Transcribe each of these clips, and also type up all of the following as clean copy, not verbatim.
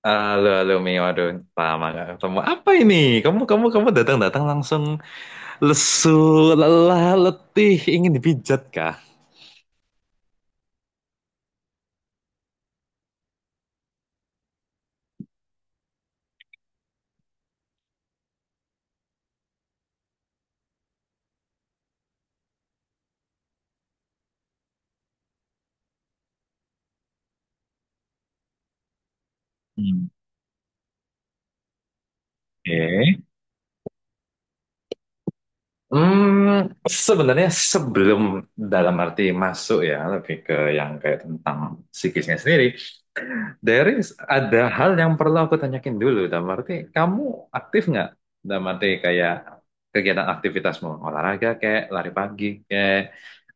Halo, halo Mio, aduh, lama gak ketemu. Apa ini? Kamu datang-datang langsung lesu, lelah, letih, ingin dipijat kah? Hmm, oke. Hmm, Sebenarnya sebelum dalam arti masuk ya, lebih ke yang kayak tentang psikisnya sendiri. There is Ada hal yang perlu aku tanyakin dulu, dalam arti kamu aktif nggak? Dalam arti kayak kegiatan aktivitasmu, olahraga kayak lari pagi kayak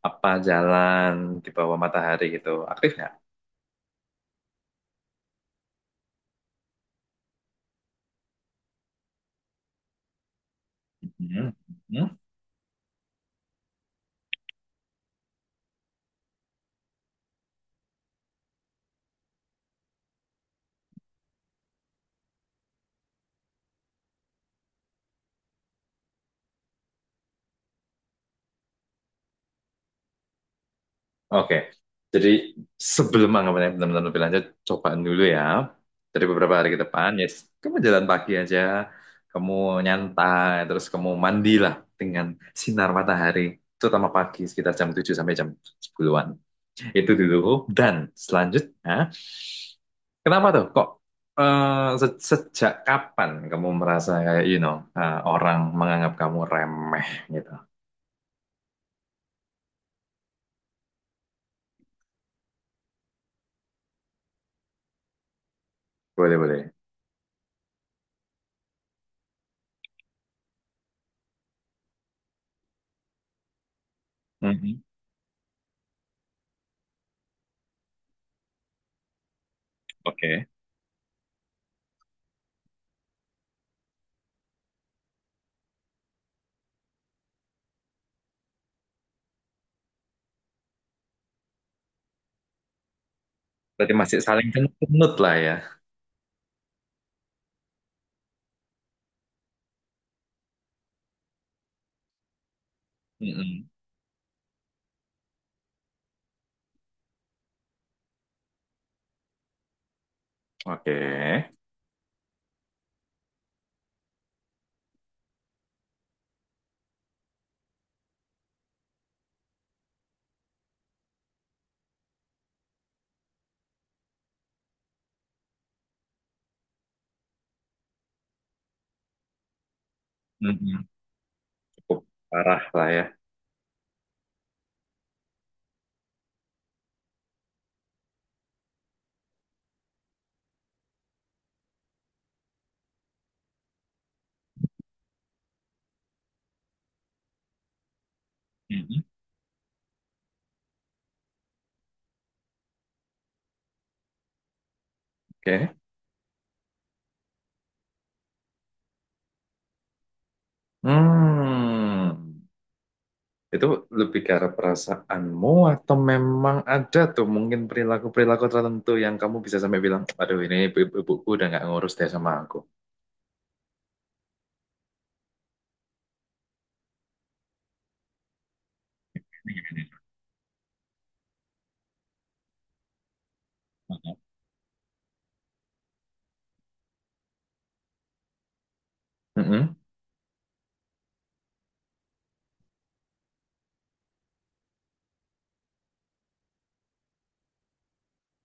apa jalan di bawah matahari gitu, aktif nggak? Hmm. Hmm. Oke, jadi sebelum anggapannya benar-benar lebih lanjut, cobaan dulu ya. Dari beberapa hari ke depan, yes, kamu jalan pagi aja, kamu nyantai, terus kamu mandilah dengan sinar matahari, terutama pagi sekitar jam 7 sampai jam 10-an. Itu dulu. Dan selanjutnya, kenapa tuh? Kok sejak kapan kamu merasa kayak, orang menganggap kamu remeh gitu? Boleh, boleh. Mhm. Oke. Berarti masih saling kenut lah ya. Mhm. Oke. Mhm. Cukup parah lah ya. Mhm. Oke. Hmm. Itu lebih ke arah perasaanmu atau memang ada tuh mungkin perilaku-perilaku tertentu yang kamu bisa sampai bilang, aduh ini ibuku udah nggak ngurus deh sama aku. Mm-mm.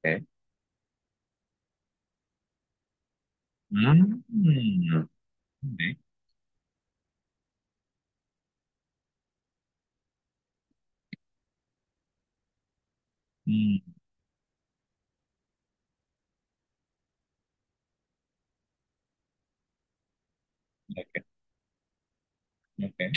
Oke. Hmm. Oke. Hmm. Oke.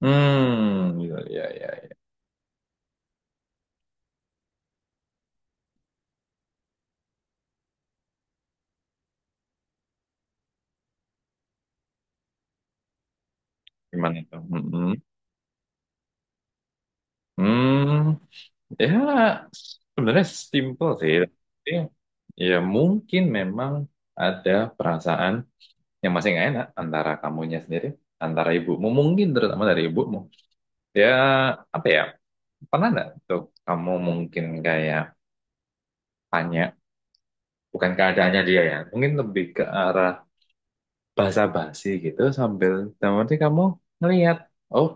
Hmm. Gitu, ya, ya, ya. Gimana tuh? Mm-mm. Hmm. Ya, sebenarnya simpel sih. Tapi ya, mungkin memang ada perasaan yang masih nggak enak antara kamunya sendiri, antara ibumu, mungkin terutama dari ibumu, ya, apa ya, pernah nggak tuh kamu mungkin kayak tanya, bukan keadaannya dia ya, mungkin lebih ke arah basa-basi gitu, sambil dalam arti kamu ngelihat, oh,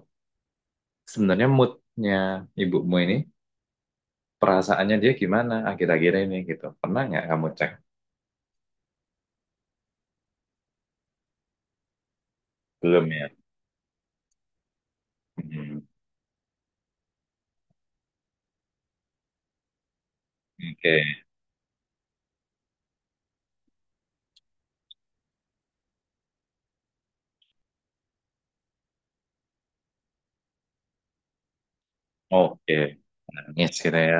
sebenarnya moodnya ibumu ini, perasaannya dia gimana akhir-akhir ini gitu, pernah nggak kamu cek? Belum ya. Hmm, oke. Oke, nangis gitu ya.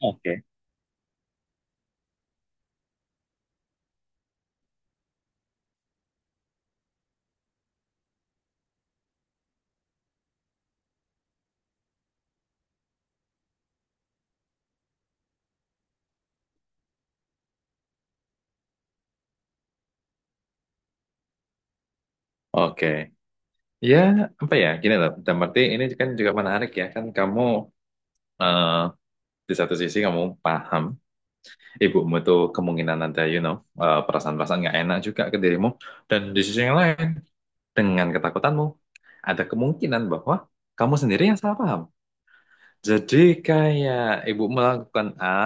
Oke. Oke, ya, apa ya? Gini loh, dalam arti ini kan juga menarik ya. Kan kamu eh, di satu sisi kamu paham ibumu tuh kemungkinan ada, perasaan-perasaan nggak enak juga ke dirimu. Dan di sisi yang lain, dengan ketakutanmu, ada kemungkinan bahwa kamu sendiri yang salah paham. Jadi kayak ibu melakukan A,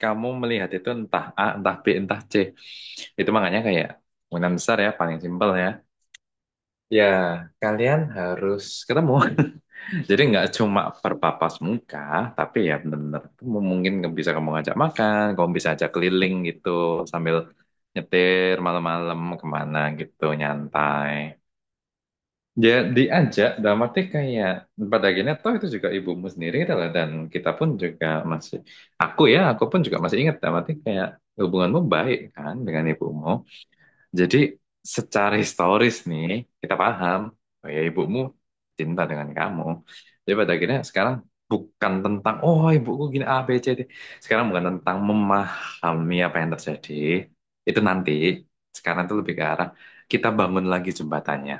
kamu melihat itu entah A, entah B, entah C. Itu makanya kayak kemungkinan besar ya, paling simpel ya. Ya, kalian harus ketemu. Jadi nggak cuma berpapas muka, tapi ya bener-bener kamu, mungkin nggak bisa kamu ngajak makan, kamu bisa ajak keliling gitu sambil nyetir malam-malam kemana gitu nyantai. Ya diajak dalam arti kayak pada akhirnya toh itu juga ibumu sendiri adalah, dan kita pun juga masih, aku ya aku pun juga masih ingat dalam arti kayak hubunganmu baik kan dengan ibumu. Jadi secara historis nih kita paham, oh ya ibumu cinta dengan kamu. Jadi pada akhirnya sekarang bukan tentang oh ibuku gini A B C D. Sekarang bukan tentang memahami apa yang terjadi. Itu nanti. Sekarang itu lebih ke arah kita bangun lagi jembatannya.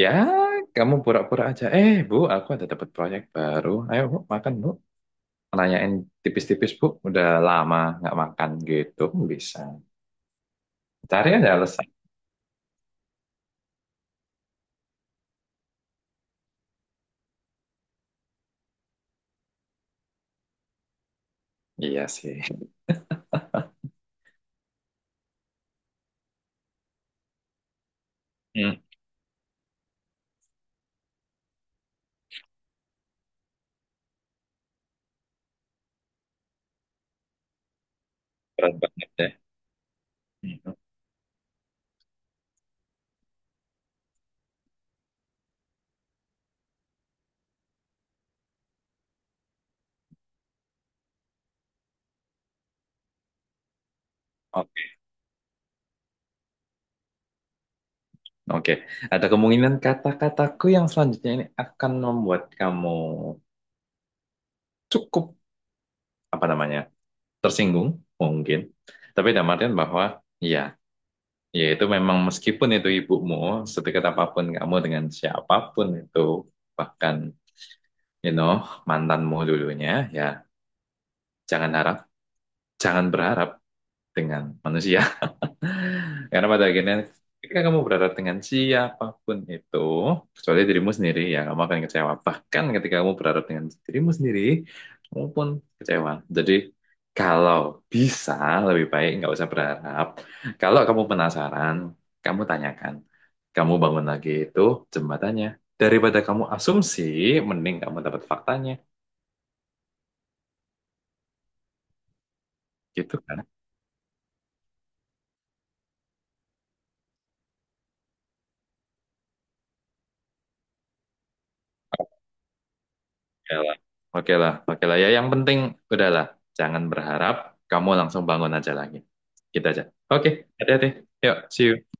Ya, kamu pura-pura aja. Eh, Bu, aku ada dapat proyek baru. Ayo, Bu, makan, Bu. Nanyain tipis-tipis, Bu. Udah lama nggak makan gitu. Bisa. Cari aja alasan. Iya sih. Hmm. Berat banget ya. Gitu. Oke, oke. Ada kemungkinan kata-kataku yang selanjutnya ini akan membuat kamu cukup, apa namanya, tersinggung mungkin. Tapi dalam artian bahwa iya, ya, yaitu memang meskipun itu ibumu, sedekat apapun kamu dengan siapapun itu, bahkan you know mantanmu dulunya, ya jangan harap, jangan berharap dengan manusia. Karena pada akhirnya ketika kamu berharap dengan siapapun itu, kecuali dirimu sendiri, ya kamu akan kecewa. Bahkan ketika kamu berharap dengan dirimu sendiri, kamu pun kecewa. Jadi kalau bisa, lebih baik nggak usah berharap. Kalau kamu penasaran, kamu tanyakan. Kamu bangun lagi itu jembatannya. Daripada kamu asumsi, mending kamu dapat faktanya. Gitu kan? Oke lah, oke lah, oke lah. Ya yang penting udahlah, jangan berharap, kamu langsung bangun aja lagi. Kita aja. Oke, hati-hati. Yuk, see you.